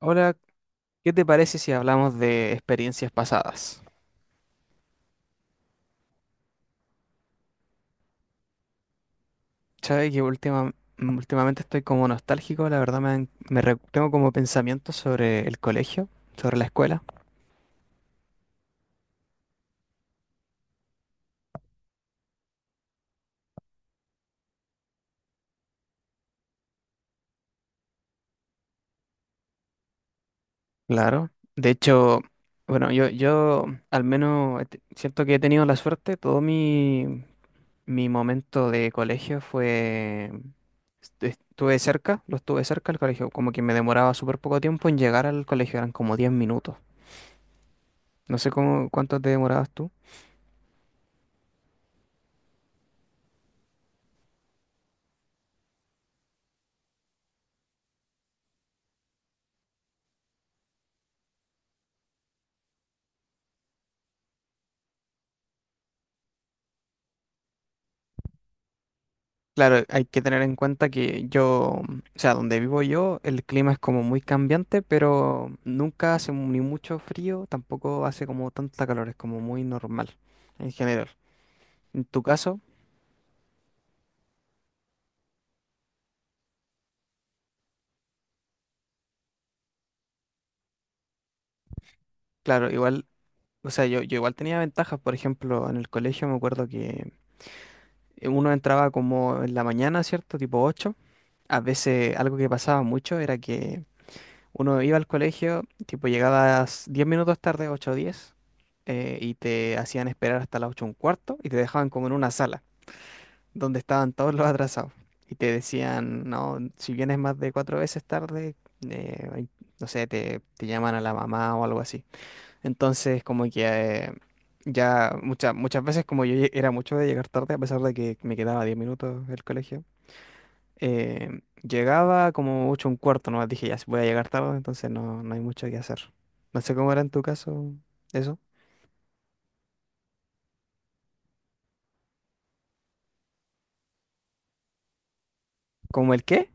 Ahora, ¿qué te parece si hablamos de experiencias pasadas? Sabes que últimamente estoy como nostálgico, la verdad me, han- me re- tengo como pensamientos sobre el colegio, sobre la escuela. Claro. De hecho, yo al menos siento que he tenido la suerte, mi momento de colegio fue... estu- Estuve cerca, lo estuve cerca al colegio, como que me demoraba súper poco tiempo en llegar al colegio, eran como 10 minutos. No sé cuánto te demorabas tú. Claro, hay que tener en cuenta que yo, o sea, donde vivo yo, el clima es como muy cambiante, pero nunca hace ni mucho frío, tampoco hace como tanta calor, es como muy normal en general. En tu caso, claro, igual, o sea, yo igual tenía ventajas, por ejemplo, en el colegio me acuerdo que uno entraba como en la mañana, ¿cierto? Tipo ocho. A veces algo que pasaba mucho era que uno iba al colegio, tipo llegabas 10 minutos tarde, 8 o 10, y te hacían esperar hasta las 8 un cuarto y te dejaban como en una sala donde estaban todos los atrasados. Y te decían, no, si vienes más de cuatro veces tarde, eh, ay, no sé, te llaman a la mamá o algo así. Entonces, como que ya muchas muchas veces, como era mucho de llegar tarde, a pesar de que me quedaba 10 minutos del colegio, llegaba como mucho un cuarto, nomás dije, ya, si voy a llegar tarde, entonces no, no hay mucho que hacer. No sé cómo era en tu caso eso. ¿Cómo el qué?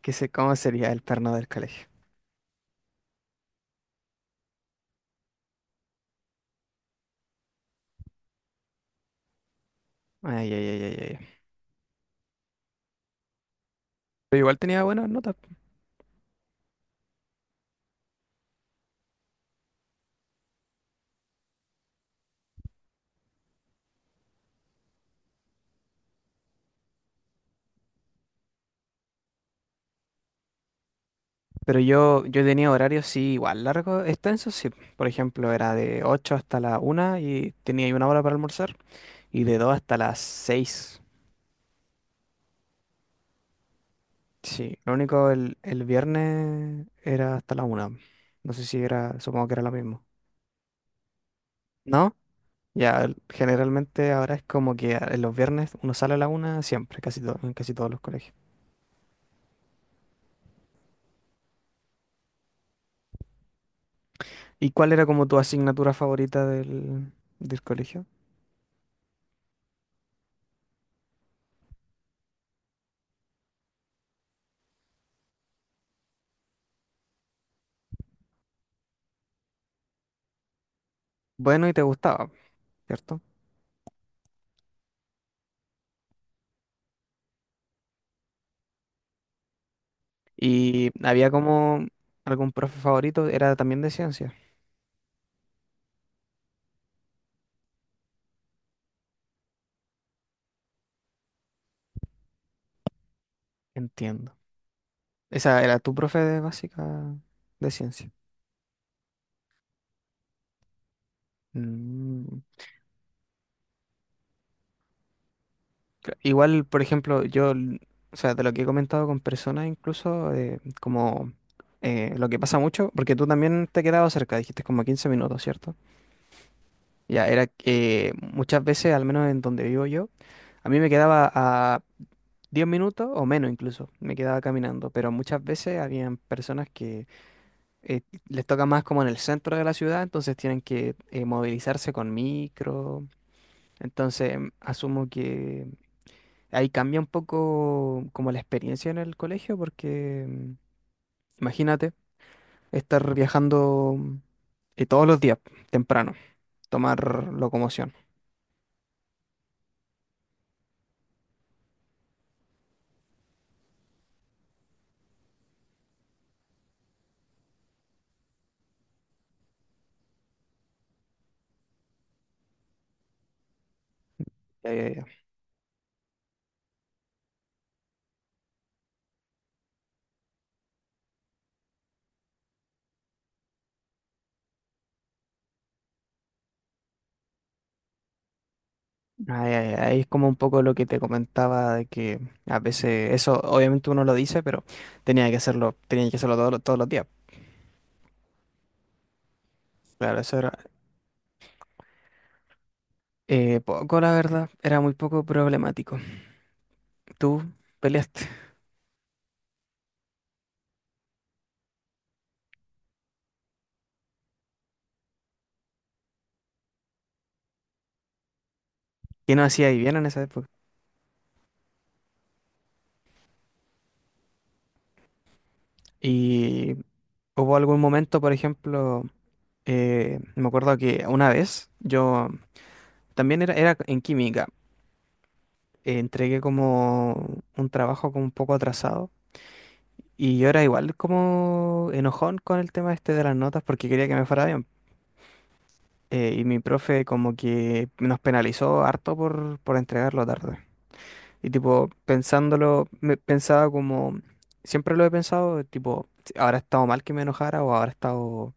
¿Qué sé cómo sería el perno del colegio? Ay, ay, ay, ay, ay. Pero igual tenía buenas notas. Pero yo tenía horarios, sí, igual largos, extensos, sí. Por ejemplo, era de 8 hasta la una y tenía ahí una hora para almorzar. Y de 2 hasta las seis. Sí, lo único el viernes era hasta la una. No sé si era, supongo que era lo mismo. ¿No? Generalmente ahora es como que los viernes uno sale a la una siempre, casi todo, en casi todos los colegios. ¿Y cuál era como tu asignatura favorita del colegio? Bueno, ¿y te gustaba, cierto? ¿Y había como algún profe favorito, era también de ciencia? Entiendo. Esa era tu profe de básica de ciencia. Mm. Igual, por ejemplo, o sea, de lo que he comentado con personas incluso, como lo que pasa mucho, porque tú también te quedabas cerca, dijiste como 15 minutos, ¿cierto? Ya, era que muchas veces, al menos en donde vivo yo, a mí me quedaba a 10 minutos o menos incluso, me quedaba caminando, pero muchas veces habían personas que eh, les toca más como en el centro de la ciudad, entonces tienen que movilizarse con micro, entonces asumo que... ahí cambia un poco como la experiencia en el colegio porque imagínate estar viajando todos los días temprano, tomar locomoción. Eh, Ahí es como un poco lo que te comentaba de que a veces eso obviamente uno lo dice, pero tenía que hacerlo todos los días. Claro, eso era poco, la verdad, era muy poco problemático. Tú peleaste, ¿qué no hacías bien en esa época? Y hubo algún momento, por ejemplo, me acuerdo que una vez yo también era en química, entregué como un trabajo como un poco atrasado y yo era igual como enojón con el tema este de las notas porque quería que me fuera bien. Y mi profe como que nos penalizó harto por entregarlo tarde. Y tipo, pensándolo, me pensaba como, siempre lo he pensado, tipo, si habrá estado mal que me enojara o habrá estado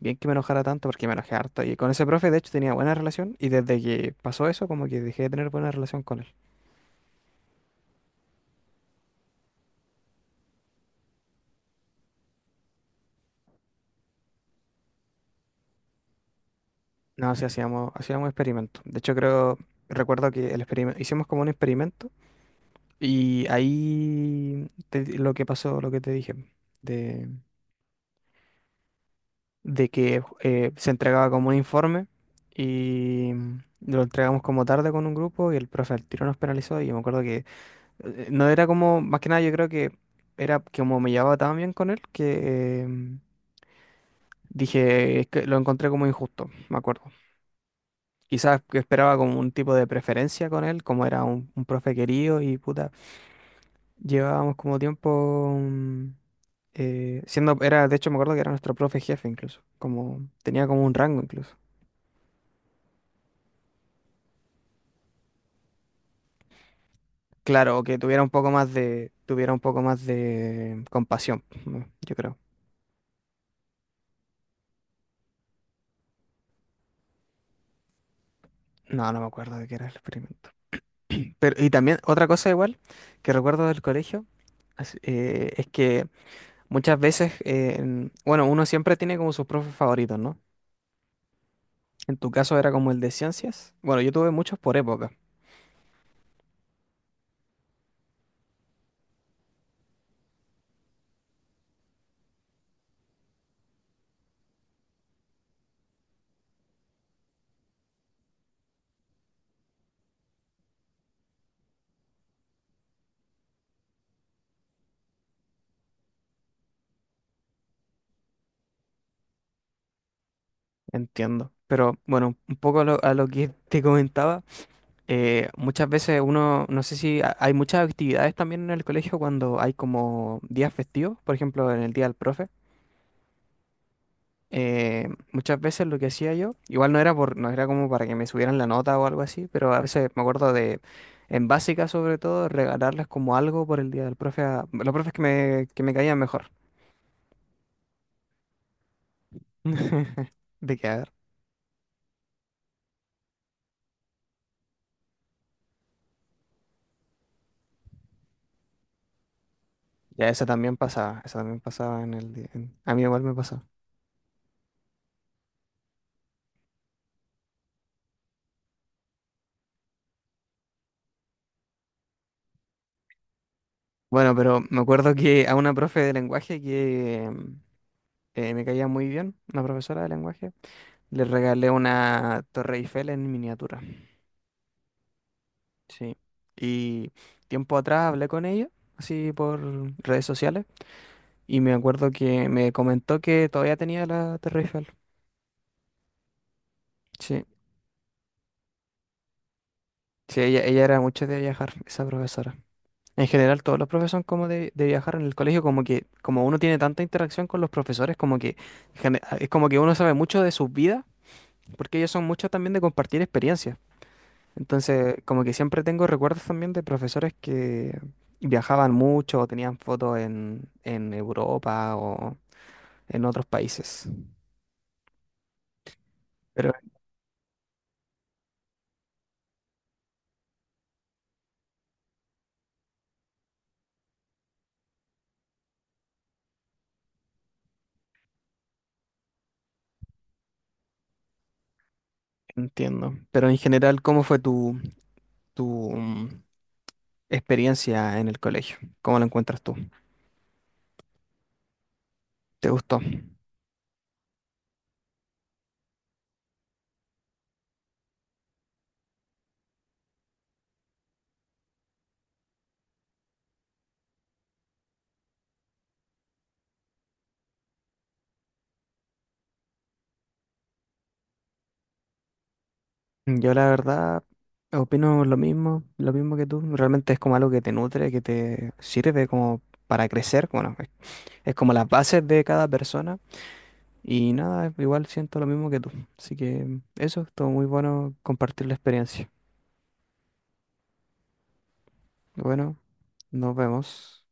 bien que me enojara tanto porque me enojé harto. Y con ese profe, de hecho, tenía buena relación y desde que pasó eso, como que dejé de tener buena relación con él. No, sí, hacíamos experimentos. De hecho, creo, recuerdo que el experimento, hicimos como un experimento y ahí lo que pasó, lo que te dije, de que se entregaba como un informe y lo entregamos como tarde con un grupo y el profe al tiro nos penalizó y yo me acuerdo que no era como, más que nada yo creo que era que como me llevaba tan bien con él que dije, es que lo encontré como injusto, me acuerdo. Quizás que esperaba como un tipo de preferencia con él, como era un profe querido y puta, llevábamos como tiempo... siendo, era, de hecho me acuerdo que era nuestro profe jefe incluso, como tenía como un rango incluso. Claro, o que tuviera un poco más de, tuviera un poco más de compasión, ¿no? Yo creo. No, no me acuerdo de qué era el experimento. Pero, y también otra cosa igual que recuerdo del colegio es que muchas veces, bueno, uno siempre tiene como sus profes favoritos, ¿no? En tu caso era como el de ciencias. Bueno, yo tuve muchos por época, entiendo. Pero bueno, un poco a lo que te comentaba. Muchas veces uno, no sé si ha- hay muchas actividades también en el colegio cuando hay como días festivos, por ejemplo, en el día del profe. Muchas veces lo que hacía yo, igual no era no era como para que me subieran la nota o algo así, pero a veces me acuerdo, en básica sobre todo, regalarles como algo por el día del profe a los profes que me caían mejor. De que, a ver, ya eso también pasaba en el día, a mí igual me pasó. Bueno, pero me acuerdo que a una profe de lenguaje que, me caía muy bien, una profesora de lenguaje. Le regalé una Torre Eiffel en miniatura. Sí. Y tiempo atrás hablé con ella, así por redes sociales, y me acuerdo que me comentó que todavía tenía la Torre Eiffel. Sí. Sí, ella era mucho de viajar, esa profesora. En general, todos los profesores son como de viajar en el colegio, como que como uno tiene tanta interacción con los profesores, como que es como que uno sabe mucho de sus vidas, porque ellos son muchos también de compartir experiencias. Entonces, como que siempre tengo recuerdos también de profesores que viajaban mucho o tenían fotos en Europa o en otros países. Pero entiendo. Pero en general, ¿cómo fue tu experiencia en el colegio? ¿Cómo lo encuentras tú? ¿Te gustó? Yo la verdad opino lo mismo que tú. Realmente es como algo que te nutre, que te sirve como para crecer. Es como las bases de cada persona. Y nada, igual siento lo mismo que tú. Así que eso, estuvo muy bueno compartir la experiencia. Bueno, nos vemos.